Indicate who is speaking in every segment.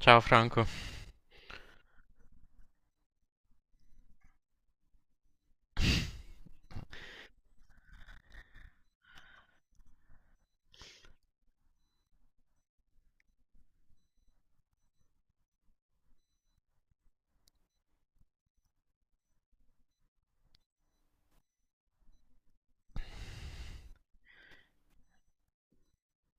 Speaker 1: Ciao Franco.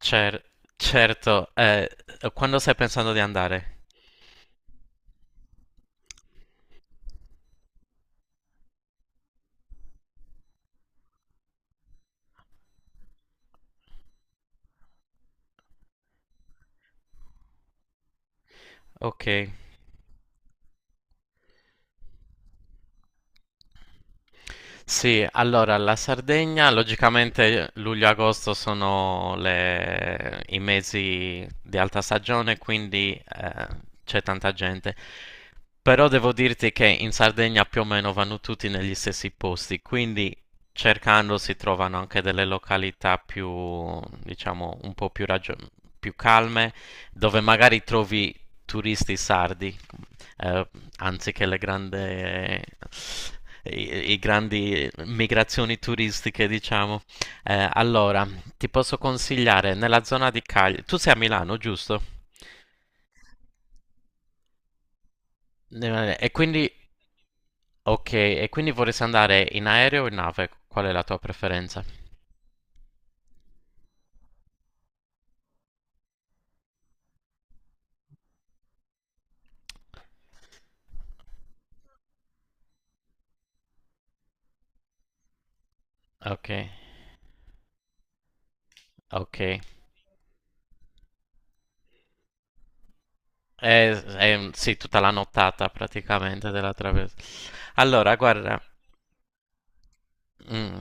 Speaker 1: Cer- certo, quando stai pensando di andare? Ok. Sì, allora la Sardegna, logicamente luglio e agosto sono i mesi di alta stagione, quindi eh, c'è tanta gente. Però devo dirti che in Sardegna più o meno vanno tutti negli stessi posti, quindi cercando si trovano anche delle località più, diciamo, un po' più, più calme, dove magari trovi turisti sardi, eh, anziché le grandi, i grandi migrazioni turistiche, diciamo. Allora, ti posso consigliare nella zona di Cagliari. Tu sei a Milano, giusto? E quindi, ok, e quindi vorresti andare in aereo o in nave? Qual è la tua preferenza? Ok, ok. Sì, tutta la nottata praticamente della traversa. Allora, guarda, mm.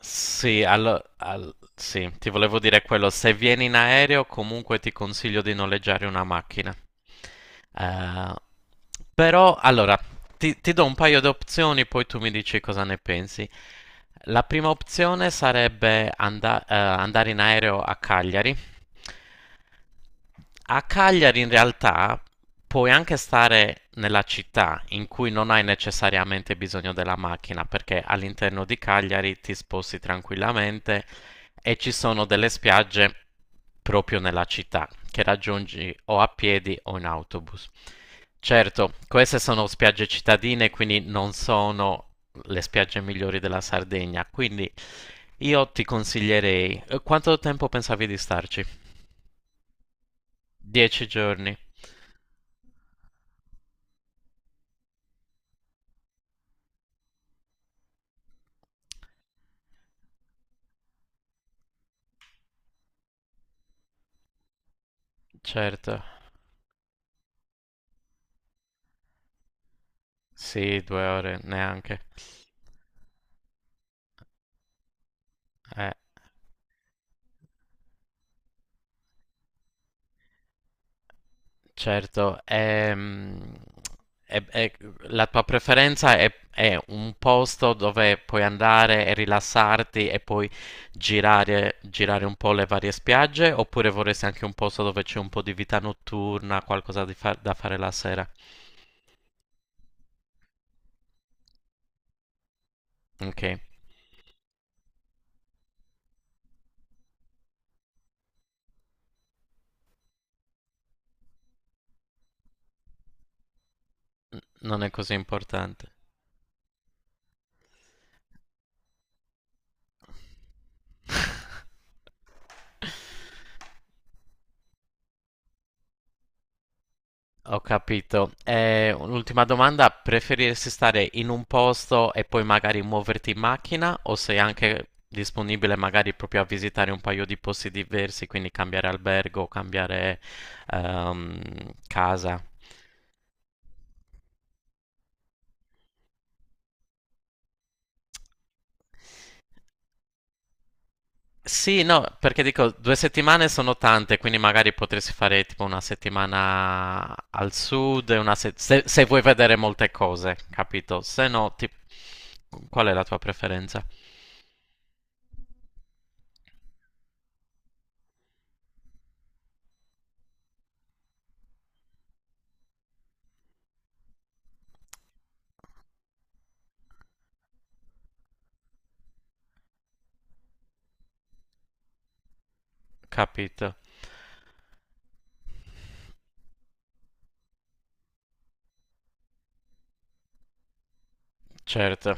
Speaker 1: Sì, sì, ti volevo dire quello, se vieni in aereo comunque ti consiglio di noleggiare una macchina. Eh, però, allora, ti do un paio di opzioni, poi tu mi dici cosa ne pensi. La prima opzione sarebbe andare in aereo a Cagliari. A Cagliari in realtà puoi anche stare nella città in cui non hai necessariamente bisogno della macchina, perché all'interno di Cagliari ti sposti tranquillamente e ci sono delle spiagge proprio nella città che raggiungi o a piedi o in autobus. Certo, queste sono spiagge cittadine, quindi non sono le spiagge migliori della Sardegna, quindi io ti consiglierei. Quanto tempo pensavi di starci? Dieci giorni, certo. Sì, due ore neanche. Eh, certo, è- è- la tua preferenza è un posto dove puoi andare e rilassarti e poi girare, girare un po' le varie spiagge, oppure vorresti anche un posto dove c'è un po' di vita notturna, qualcosa di da fare la sera? Ok, non è così importante. Ho capito. Un'ultima domanda, preferiresti stare in un posto e poi magari muoverti in macchina, o sei anche disponibile magari proprio a visitare un paio di posti diversi, quindi cambiare albergo, cambiare ehm, casa? Sì, no, perché dico, due settimane sono tante, quindi magari potresti fare tipo una settimana al sud, e una se, se vuoi vedere molte cose, capito? Se no, ti- qual è la tua preferenza? Capito, certo.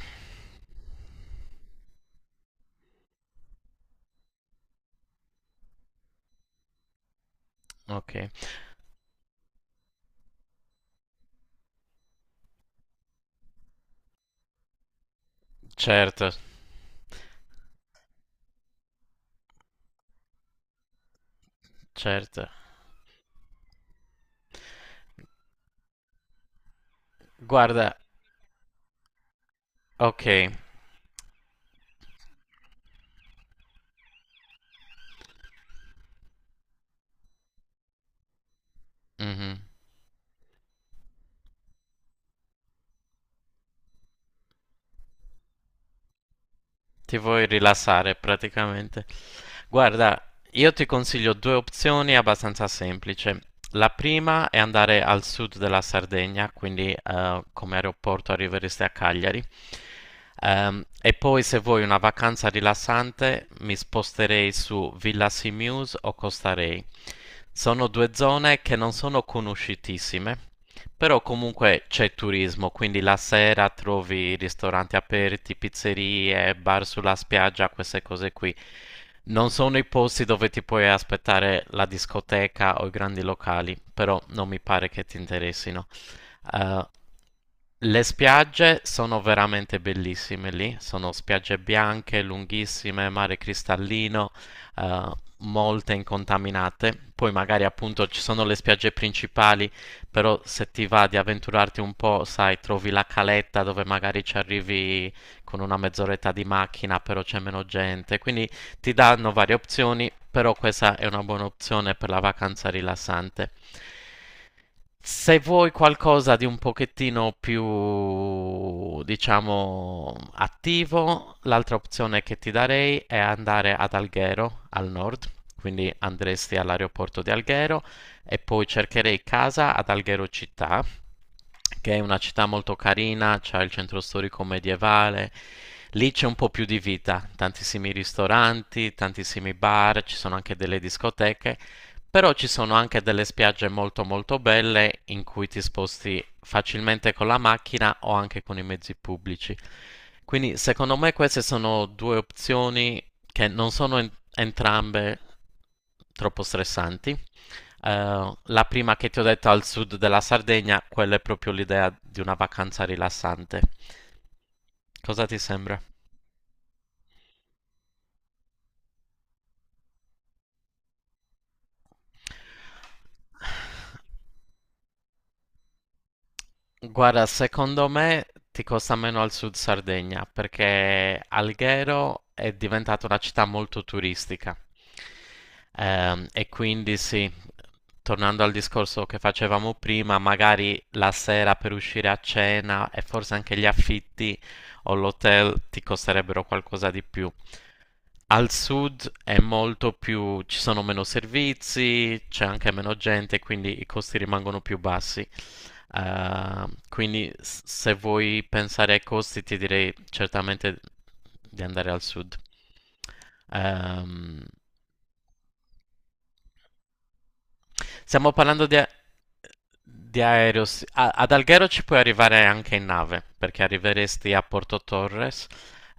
Speaker 1: Ok, certo, certo. Guarda, ok, mhm. Ti vuoi rilassare praticamente. Guarda, io ti consiglio due opzioni abbastanza semplici. La prima è andare al sud della Sardegna, quindi come aeroporto arriveresti a Cagliari. E poi se vuoi una vacanza rilassante mi sposterei su Villa Simius o Costa Rey. Sono due zone che non sono conosciutissime, però comunque c'è turismo, quindi la sera trovi ristoranti aperti, pizzerie, bar sulla spiaggia, queste cose qui. Non sono i posti dove ti puoi aspettare la discoteca o i grandi locali, però non mi pare che ti interessino. Eh, le spiagge sono veramente bellissime lì, sono spiagge bianche, lunghissime, mare cristallino, eh, molte incontaminate. Poi magari appunto ci sono le spiagge principali, però se ti va di avventurarti un po', sai, trovi la caletta dove magari ci arrivi con una mezz'oretta di macchina, però c'è meno gente. Quindi ti danno varie opzioni, però questa è una buona opzione per la vacanza rilassante. Se vuoi qualcosa di un pochettino più, diciamo, attivo, l'altra opzione che ti darei è andare ad Alghero, al nord, quindi andresti all'aeroporto di Alghero e poi cercherei casa ad Alghero città, che è una città molto carina, c'è il centro storico medievale, lì c'è un po' più di vita, tantissimi ristoranti, tantissimi bar, ci sono anche delle discoteche, però ci sono anche delle spiagge molto molto belle in cui ti sposti facilmente con la macchina o anche con i mezzi pubblici. Quindi secondo me queste sono due opzioni che non sono entrambe troppo stressanti. La prima che ti ho detto al sud della Sardegna, quella è proprio l'idea di una vacanza rilassante. Cosa ti sembra? Guarda, secondo me ti costa meno al sud Sardegna, perché Alghero è diventata una città molto turistica. E quindi sì, tornando al discorso che facevamo prima, magari la sera per uscire a cena e forse anche gli affitti o l'hotel ti costerebbero qualcosa di più. Al sud è molto più, ci sono meno servizi, c'è anche meno gente, quindi i costi rimangono più bassi. Eh, quindi se vuoi pensare ai costi, ti direi certamente di andare al sud. Ehm, Stiamo parlando di, di aereo. Sì. Ad Alghero ci puoi arrivare anche in nave, perché arriveresti a Porto Torres,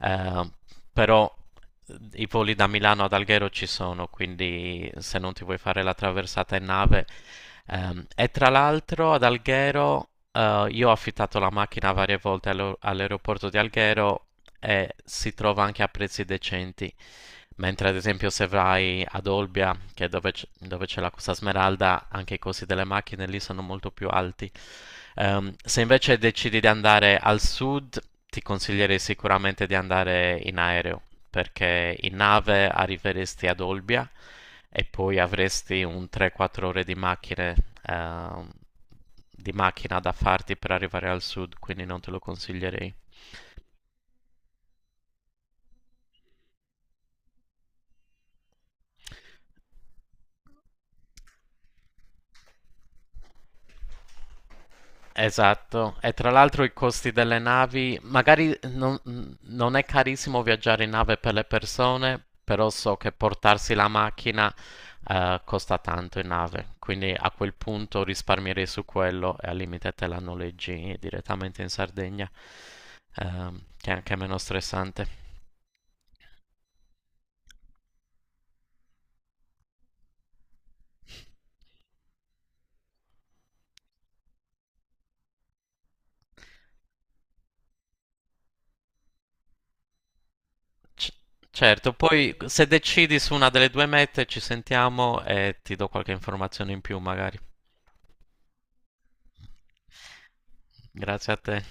Speaker 1: eh, però i voli da Milano ad Alghero ci sono, quindi se non ti vuoi fare la traversata in nave. Ehm, e tra l'altro ad Alghero, io ho affittato la macchina varie volte all'aeroporto di Alghero e si trova anche a prezzi decenti. Mentre ad esempio se vai ad Olbia, che è dove, dove c'è la Costa Smeralda, anche i costi delle macchine lì sono molto più alti. Se invece decidi di andare al sud, ti consiglierei sicuramente di andare in aereo, perché in nave arriveresti ad Olbia e poi avresti un 3-4 ore di macchine, ehm, di macchina da farti per arrivare al sud, quindi non te lo consiglierei. Esatto, e tra l'altro i costi delle navi, magari non, non è carissimo viaggiare in nave per le persone, però so che portarsi la macchina costa tanto in nave, quindi a quel punto risparmierei su quello e al limite te la noleggi direttamente in Sardegna, che è anche meno stressante. C- certo, poi se decidi su una delle due mete ci sentiamo e ti do qualche informazione in più magari. Grazie a te.